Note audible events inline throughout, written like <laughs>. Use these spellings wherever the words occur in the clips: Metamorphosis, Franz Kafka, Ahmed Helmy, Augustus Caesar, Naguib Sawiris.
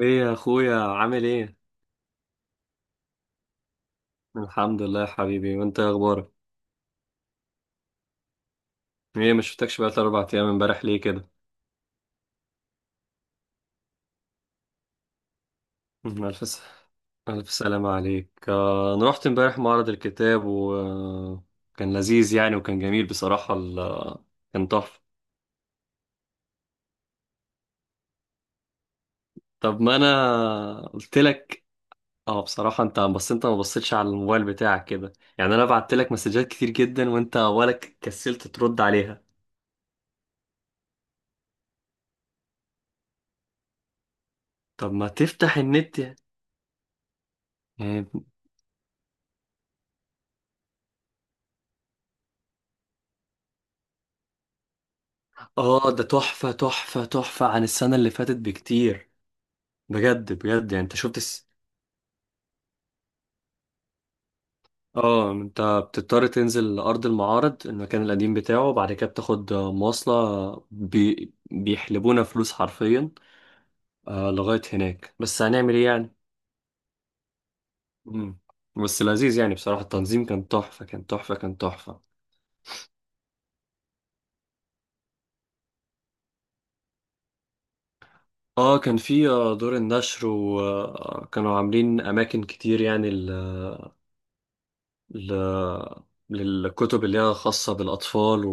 ايه يا اخويا، عامل ايه؟ الحمد لله يا حبيبي، وانت إيه اخبارك؟ ايه، مش شفتكش بقالي 4 ايام، امبارح ليه كده؟ مم، الف س- الف سلامة عليك، انا رحت امبارح معرض الكتاب وكان لذيذ يعني، وكان جميل بصراحة كان تحفة. طب ما انا قلت لك. اه، بصراحة انت، بس انت ما بصيتش على الموبايل بتاعك كده، يعني انا بعت لك مسجات كتير جدا وانت ولا كسلت ترد عليها. طب ما تفتح النت. يعني. اه، ده تحفة تحفة تحفة عن السنة اللي فاتت بكتير، بجد بجد يعني انت شفت. اه، انت بتضطر تنزل لأرض المعارض المكان القديم بتاعه، بعد كده بتاخد مواصلة. بيحلبونا فلوس حرفيا، لغاية هناك، بس هنعمل ايه يعني. مم. بس لذيذ يعني، بصراحة التنظيم كان تحفة كان تحفة كان تحفة. اه، كان في دور النشر، وكانوا عاملين أماكن كتير يعني ل... للكتب اللي هي خاصة بالأطفال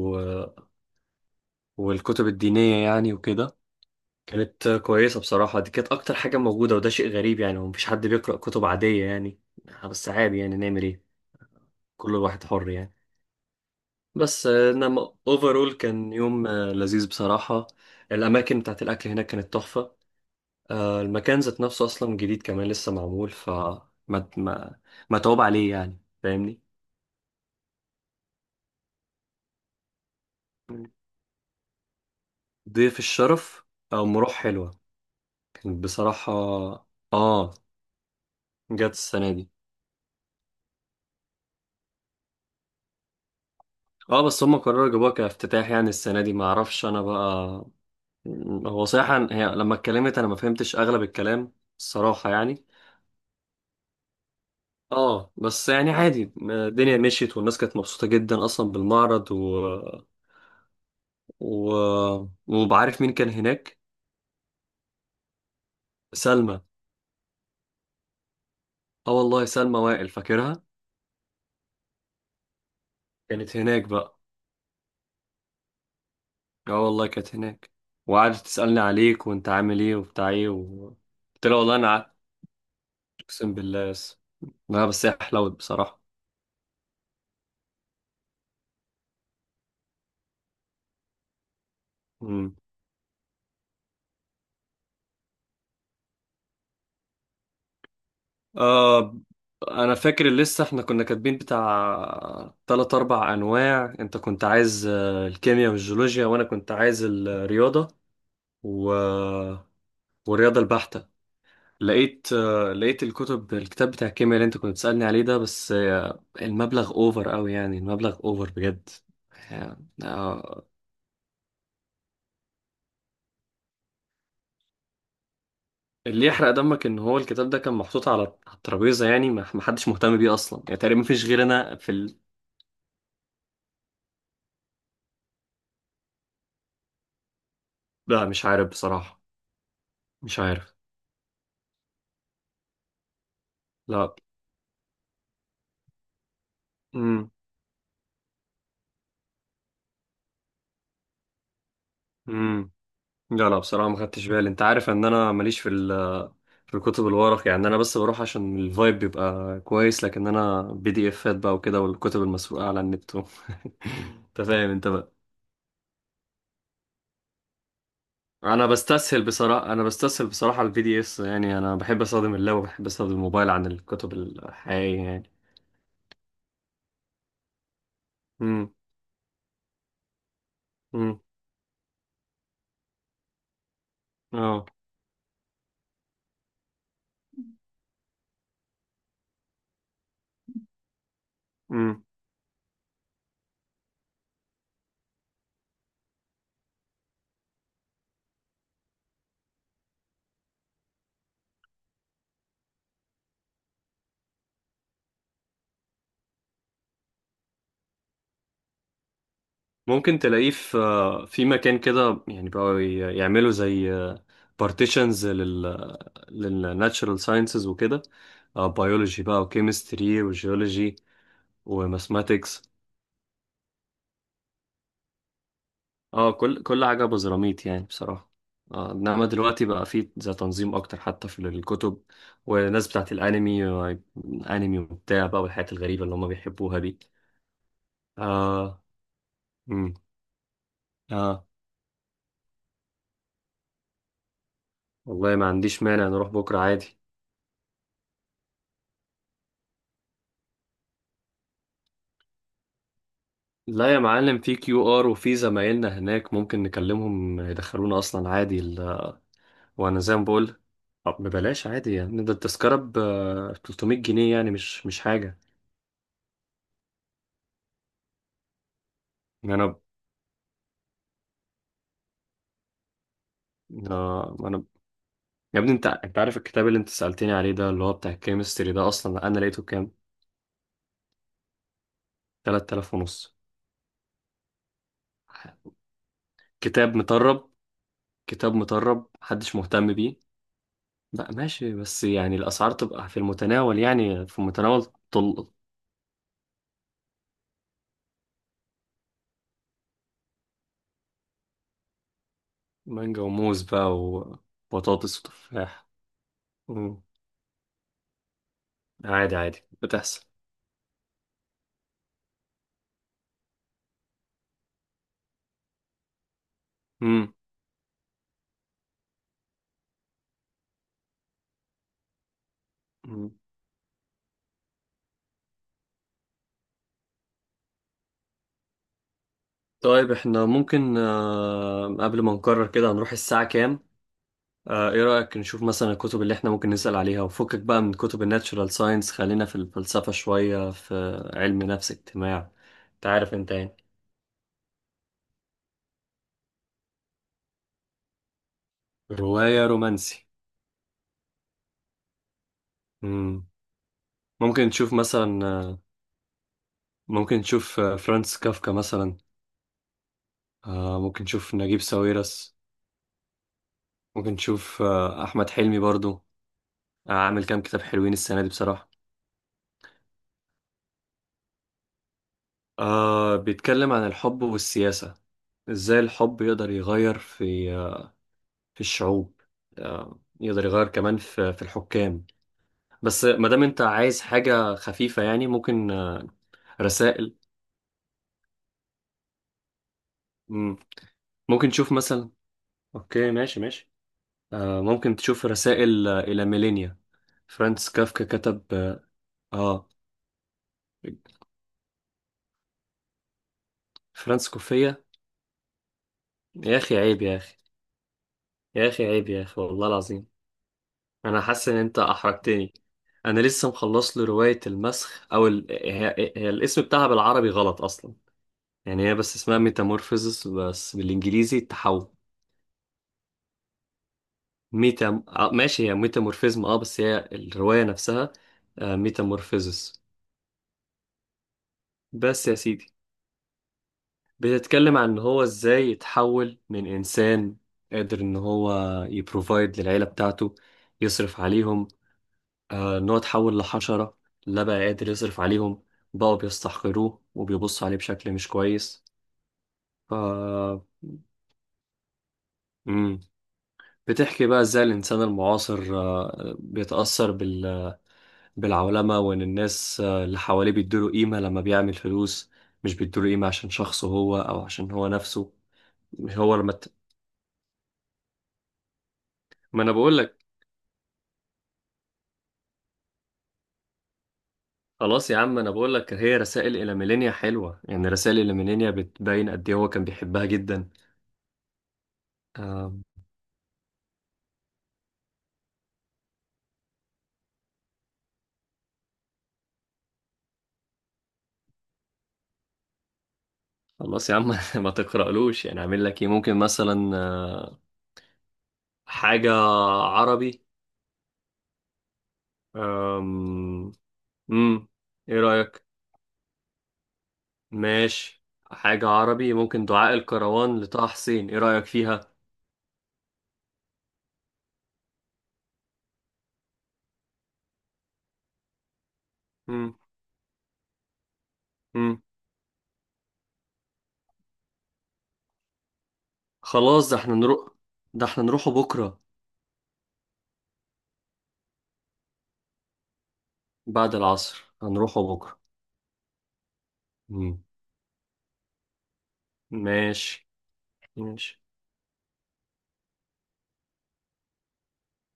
والكتب الدينية يعني وكده. كانت كويسة بصراحة، دي كانت أكتر حاجة موجودة، وده شيء غريب يعني، ومفيش حد بيقرأ كتب عادية يعني. بس عادي يعني نعمل إيه، كل واحد حر يعني. بس إنما أوفرول كان يوم لذيذ بصراحة. الأماكن بتاعت الأكل هناك كانت تحفة. المكان ذات نفسه أصلا جديد كمان، لسه معمول ف ما متعوب عليه يعني، فاهمني؟ ضيف الشرف؟ أو مروح حلوة. كانت بصراحة. آه جت السنة دي. اه، بس هم قرروا يجيبوها كافتتاح يعني السنة دي، ما اعرفش انا بقى. هو صراحة هي لما اتكلمت، انا ما فهمتش اغلب الكلام الصراحة يعني. اه، بس يعني عادي الدنيا مشيت، والناس كانت مبسوطة جدا اصلا بالمعرض و... وبعرف مين كان هناك. سلمى. اه والله، سلمى وائل فاكرها. كانت هناك بقى. اه والله كانت هناك، وقعدت تسألني عليك وانت عامل ايه وبتاع ايه. قلت لها والله انا قعدت، اقسم بالله. بس لا، بس هي حلوت بصراحة. آه انا فاكر لسه احنا كنا كاتبين بتاع تلات اربع انواع، انت كنت عايز الكيمياء والجيولوجيا، وانا كنت عايز الرياضة و... والرياضة البحتة. لقيت الكتاب بتاع الكيمياء اللي انت كنت بتسألني عليه ده، بس المبلغ اوفر قوي يعني، المبلغ اوفر بجد. يعني اللي يحرق دمك ان هو الكتاب ده كان محطوط على الترابيزة، يعني ما حدش مهتم بيه اصلا يعني، تقريبا مفيش غير انا. لا مش عارف بصراحة، مش عارف. لا. امم امم لا، لا، بصراحه ما خدتش بالي، انت عارف ان انا ماليش في الكتب الورق يعني، انا بس بروح عشان الفايب بيبقى كويس، لكن انا بي دي افات بقى وكده، والكتب المسروقه على النت. <laughs> انت فاهم انت بقى. انا بستسهل بصراحه البي دي اس، يعني انا بحب استخدم اللاب وبحب استخدم الموبايل عن الكتب الحقيقيه يعني. امم. امم. اه، ممكن تلاقيه في مكان كده يعني، بقوا يعملوا زي بارتيشنز للناتشرال ساينسز وكده، بيولوجي بقى وكيمستري وجيولوجي وماثماتكس. اه، كل حاجة بزراميط يعني بصراحة. انما دلوقتي بقى في زي تنظيم اكتر، حتى في الكتب والناس بتاعت الانمي، انمي وبتاع بقى والحاجات الغريبة اللي هم بيحبوها دي. اه. امم. اه والله، ما عنديش مانع نروح بكرة عادي. لا يا معلم، في QR، وفي زمايلنا هناك ممكن نكلمهم يدخلونا اصلا عادي. وانا زي ما بقول، طب ببلاش عادي يعني، ده التذكرة ب 300 جنيه يعني، مش حاجة. إن انا. انا، يا ابني انت عارف الكتاب اللي انت سألتني عليه ده اللي هو بتاع الكيمستري ده، اصلا انا لقيته كام؟ 3000 ونص. كتاب مطرب، كتاب مطرب محدش مهتم بيه. لا ماشي، بس يعني الاسعار تبقى في المتناول، يعني في متناول. مانجا وموز بقى، وبطاطس وتفاح. مم. عادي عادي بتحصل. مم. مم. طيب، احنا ممكن قبل ما نقرر كده، هنروح الساعة كام؟ ايه رأيك نشوف مثلا الكتب اللي احنا ممكن نسأل عليها، وفكك بقى من كتب الناتشورال ساينس، خلينا في الفلسفة شوية، في علم نفس اجتماع. انت عارف انت يعني. رواية رومانسي؟ مم. ممكن نشوف مثلا ممكن نشوف فرانس كافكا مثلا، ممكن نشوف نجيب ساويرس، وبنشوف أحمد حلمي برضو، عامل كام كتاب حلوين السنة دي بصراحة. بيتكلم عن الحب والسياسة، إزاي الحب يقدر يغير في الشعوب، يقدر يغير كمان في الحكام. بس ما دام أنت عايز حاجة خفيفة يعني، ممكن رسائل. مم. ممكن تشوف مثلا. أوكي، ماشي، ماشي. ممكن تشوف رسائل إلى ميلينيا. فرانس كافكا كتب. آه، فرانس كوفية. يا أخي عيب يا أخي، يا اخي عيب يا اخي والله العظيم. انا حاسس ان انت احرجتني. انا لسه مخلص له روايه المسخ، او هي الاسم بتاعها بالعربي غلط اصلا. يعني هي بس اسمها ميتامورفيزس، بس بالانجليزي التحول. ميتا آه، ماشي، هي ميتامورفيزم اه، بس هي الروايه نفسها. ميتامورفيزس. بس يا سيدي، بتتكلم عن ان هو ازاي يتحول من انسان قادر ان هو يبروفايد للعيله بتاعته، يصرف عليهم، إن هو اتحول لحشرة، لا بقى قادر يصرف عليهم، بقوا بيستحقروه وبيبصوا عليه بشكل مش كويس. ف مم. بتحكي بقى ازاي الإنسان المعاصر بيتأثر بالعولمة، وإن الناس اللي حواليه بيدوله قيمة لما بيعمل فلوس، مش بيدوله قيمة عشان شخصه هو، أو عشان هو نفسه. مش هو لما. ما أنا بقول لك، خلاص يا عم أنا بقول لك هي رسائل إلى ميلينيا حلوة يعني، رسائل إلى ميلينيا بتبين قد إيه هو كان بيحبها جدا. آه، خلاص يا عم <laughs> ما تقرألوش يعني، اعمل لك ايه، ممكن مثلا حاجة عربي أم... مم. ايه رأيك؟ ماشي. حاجة عربي، ممكن دعاء الكروان لطه حسين، ايه رأيك فيها؟ مم. مم. خلاص، ده احنا نروح، ده احنا نروحه بكرة. بعد العصر هنروحه بكرة. مم. ماشي. ماشي.